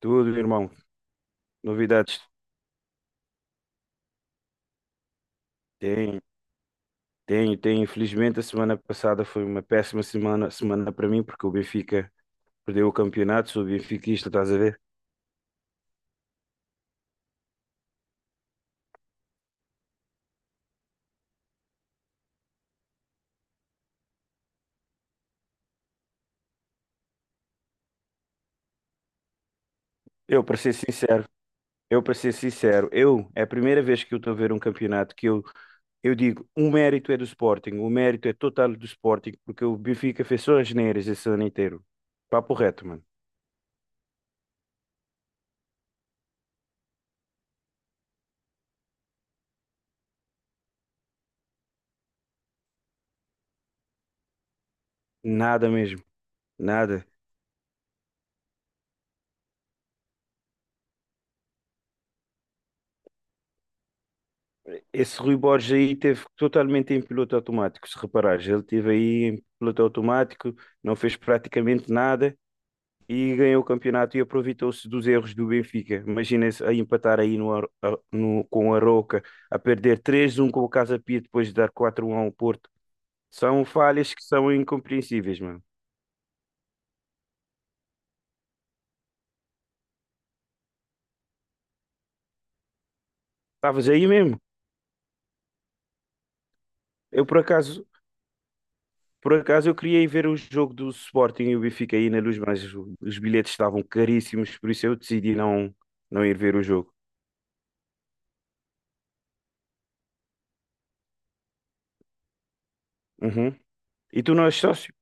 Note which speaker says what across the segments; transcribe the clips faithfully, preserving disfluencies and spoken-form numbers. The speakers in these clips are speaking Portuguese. Speaker 1: Tudo, irmão. Novidades? Tem, tem, tem. Infelizmente, a semana passada foi uma péssima semana, semana para mim, porque o Benfica perdeu o campeonato. Sou benfiquista, estás a ver? Eu, para ser sincero, eu, para ser sincero, eu, é a primeira vez que eu estou a ver um campeonato que eu, eu digo, o mérito é do Sporting, o mérito é total do Sporting, porque o Benfica fez só as neiras esse ano inteiro. Papo reto, mano. Nada mesmo, nada. Esse Rui Borges aí teve totalmente em piloto automático, se reparares, ele teve aí em piloto automático, não fez praticamente nada e ganhou o campeonato e aproveitou-se dos erros do Benfica. Imagina-se a empatar aí no, Ar- a- no- com a Roca, a perder três a um com o Casa Pia depois de dar quatro a um ao Porto. São falhas que são incompreensíveis, mano. Estavas aí mesmo? Eu por acaso, por acaso eu queria ir ver o jogo do Sporting e o Benfica aí na luz, mas os bilhetes estavam caríssimos, por isso eu decidi não, não ir ver o jogo. Uhum. E tu não és sócio?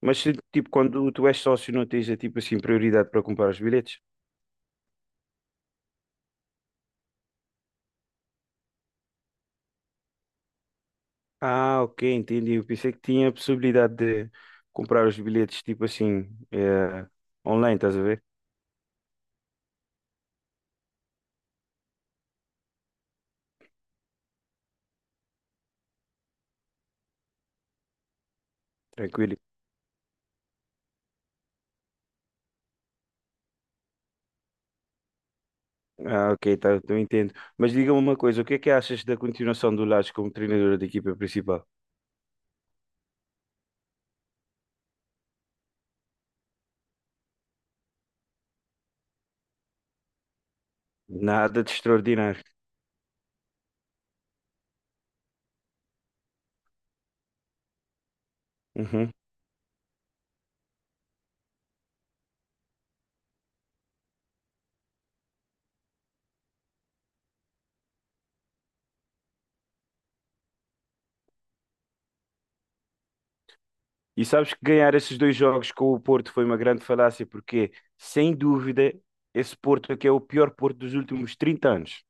Speaker 1: Mas se, tipo, quando tu és sócio não tens eh, tipo assim prioridade para comprar os bilhetes? Ah, ok, entendi. Eu pensei que tinha a possibilidade de comprar os bilhetes tipo assim eh, online, estás a ver? Tranquilo. Ah, ok, tá, eu entendo. Mas diga-me uma coisa, o que é que achas da continuação do Lages como treinador da equipa principal? Nada de extraordinário. Uhum. E sabes que ganhar esses dois jogos com o Porto foi uma grande falácia, porque, sem dúvida, esse Porto aqui é o pior Porto dos últimos trinta anos.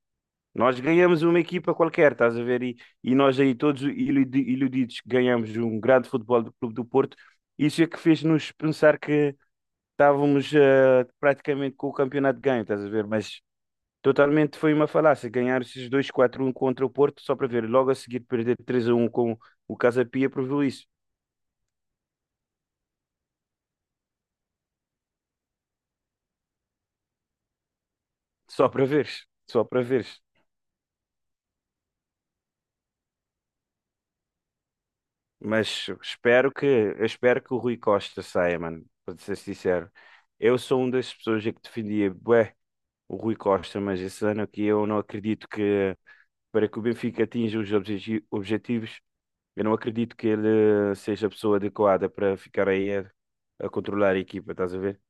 Speaker 1: Nós ganhamos uma equipa qualquer, estás a ver? E, e nós aí todos iludi- iludidos ganhamos um grande futebol do Clube do Porto. Isso é que fez-nos pensar que estávamos eh, praticamente com o campeonato ganho, estás a ver? Mas totalmente foi uma falácia. Ganhar esses dois quatro um contra o Porto só para ver. Logo a seguir perder três a um com o Casa Pia provou isso. Só para veres, só para veres. Mas espero que, eu espero que o Rui Costa saia, mano, para ser sincero. Eu sou uma das pessoas que defendia, bué, o Rui Costa, mas esse ano aqui eu não acredito que para que o Benfica atinja os obje- objetivos, eu não acredito que ele seja a pessoa adequada para ficar aí a, a controlar a equipa, estás a ver?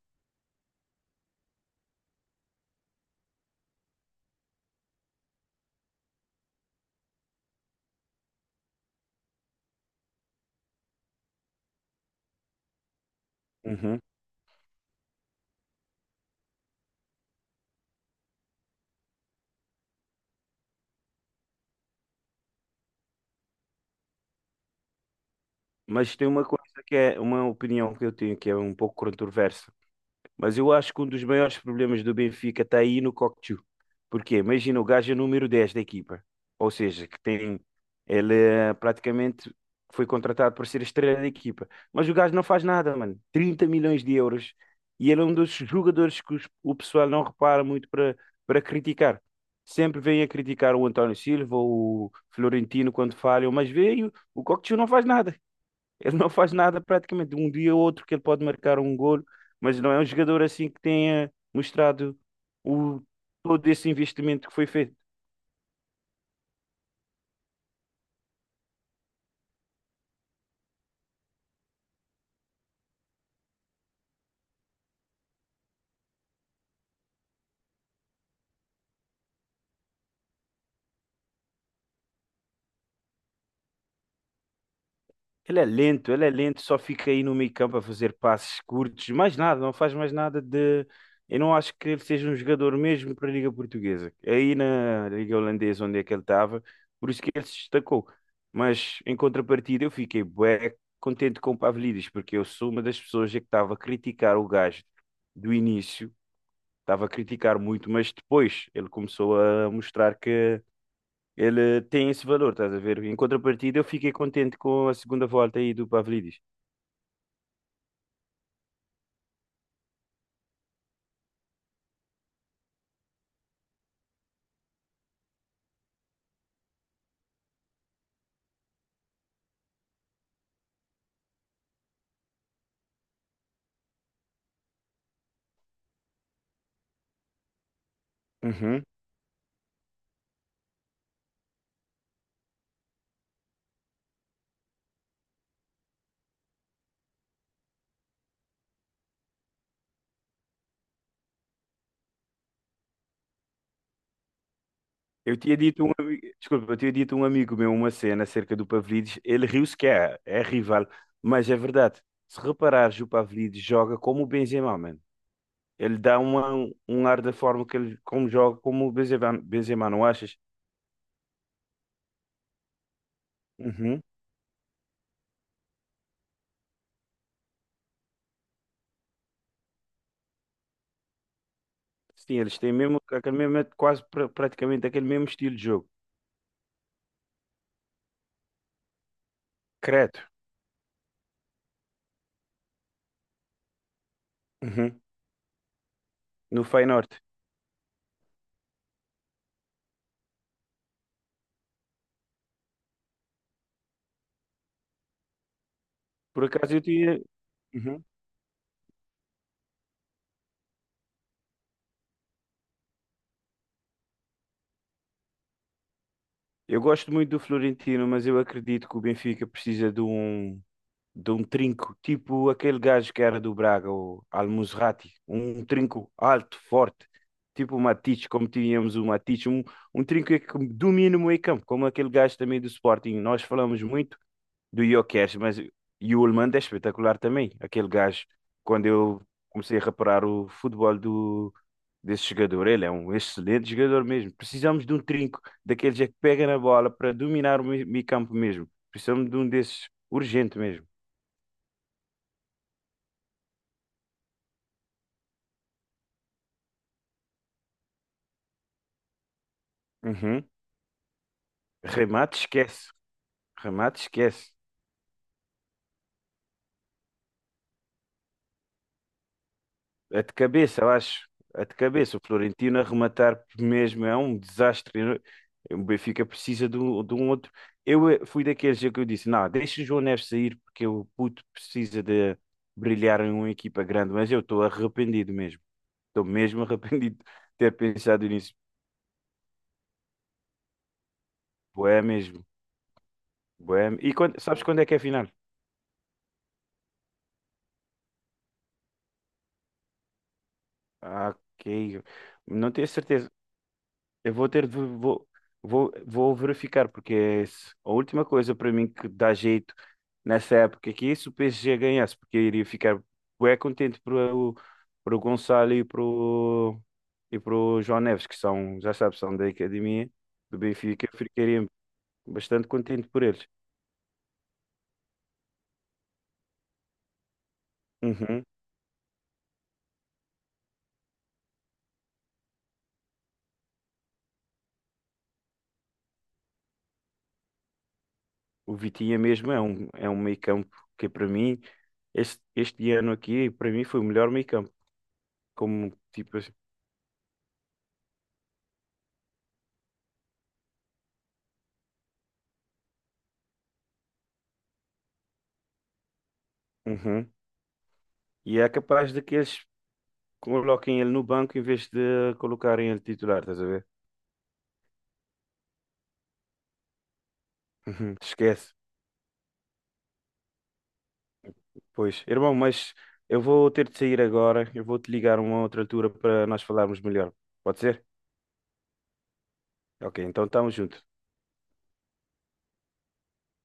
Speaker 1: Uhum. Mas tem uma coisa que é uma opinião que eu tenho que é um pouco controversa. Mas eu acho que um dos maiores problemas do Benfica está aí no Cocchio. Porque imagina, o gajo é número dez da equipa. Ou seja, que tem. Ele eh, praticamente foi contratado para ser a estrela da equipa. Mas o gajo não faz nada, mano. Trinta milhões de euros. E ele é um dos jogadores que os- o pessoal não repara muito para para criticar. Sempre vem a criticar o António Silva, o Florentino quando falham, mas veio, o Cocchio não faz nada. Ele não faz nada praticamente. Um dia ou outro que ele pode marcar um golo, mas não é um jogador assim que tenha mostrado o, todo esse investimento que foi feito. Ele é lento, ele é lento, só fica aí no meio-campo a fazer passes curtos, mais nada, não faz mais nada de. Eu não acho que ele seja um jogador mesmo para a Liga Portuguesa. É Aí na Liga Holandesa, onde é que ele estava, por isso que ele se destacou. Mas em contrapartida, eu fiquei bué contente com o Pavlidis, porque eu sou uma das pessoas que estava a criticar o gajo do início, estava a criticar muito, mas depois ele começou a mostrar que ele tem esse valor, estás a ver? Em contrapartida, eu fiquei contente com a segunda volta aí do Pavlidis. Uhum. Eu tinha dito um, ami- desculpa, eu tinha dito um amigo meu uma cena acerca do Pavlidis, ele riu-se que é, é rival, mas é verdade. Se reparares, o Pavlidis joga como o Benzema, mano. Ele dá uma, um ar da forma que ele como joga como o Benzema, Benzema, não achas? Uhum. Sim, eles têm mesmo aquele mesmo, quase pra- praticamente aquele mesmo estilo de jogo. Credo. Uhum. No Feyenoord. Por acaso eu tinha. Uhum. Eu gosto muito do Florentino, mas eu acredito que o Benfica precisa de um, de um trinco, tipo aquele gajo que era do Braga, o Al-Musrati. Um trinco alto, forte, tipo o Matic, como tínhamos o Matic. Um, um trinco que domina o meio-campo, como aquele gajo também do Sporting. Nós falamos muito do Gyökeres, mas e o Oldman é espetacular também. Aquele gajo, quando eu comecei a reparar o futebol do desse jogador. Ele é um excelente jogador mesmo. Precisamos de um trinco, daqueles é que pega na bola para dominar o meio meio campo mesmo. Precisamos de um desses, urgente mesmo. Uhum. Remate, esquece. Remate, esquece. É de cabeça, eu acho. É de cabeça. O Florentino a rematar mesmo é um desastre. Eu- O Benfica precisa de um, de um outro. Eu eh, fui daqueles é que eu disse: não, deixa o João Neves sair porque o puto precisa de brilhar em uma equipa grande. Mas eu estou arrependido mesmo. Estou mesmo arrependido de ter pensado nisso. Bué mesmo. Bué. E quando- sabes quando é que é a final? Ah, ok. Não tenho certeza. Eu vou ter de, vou, vou, vou verificar, porque é esse- a última coisa para mim que dá jeito nessa época aqui é se o P S G ganhasse, porque eu iria ficar bué contente para o para o Gonçalo e para o e para o João Neves, que são, já sabes, são da academia do Benfica. Eu ficaria bastante contente por eles. Uhum. O Vitinha mesmo é um, é um meio-campo que para mim, este, este ano aqui, para mim foi o melhor meio-campo. Como tipo assim. Uhum. E é capaz de que eles coloquem ele no banco em vez de colocarem ele titular, estás a ver? Uhum. Esquece. Pois, irmão, mas eu vou ter de sair agora. Eu vou te ligar a uma outra altura para nós falarmos melhor. Pode ser? Ok, então estamos juntos.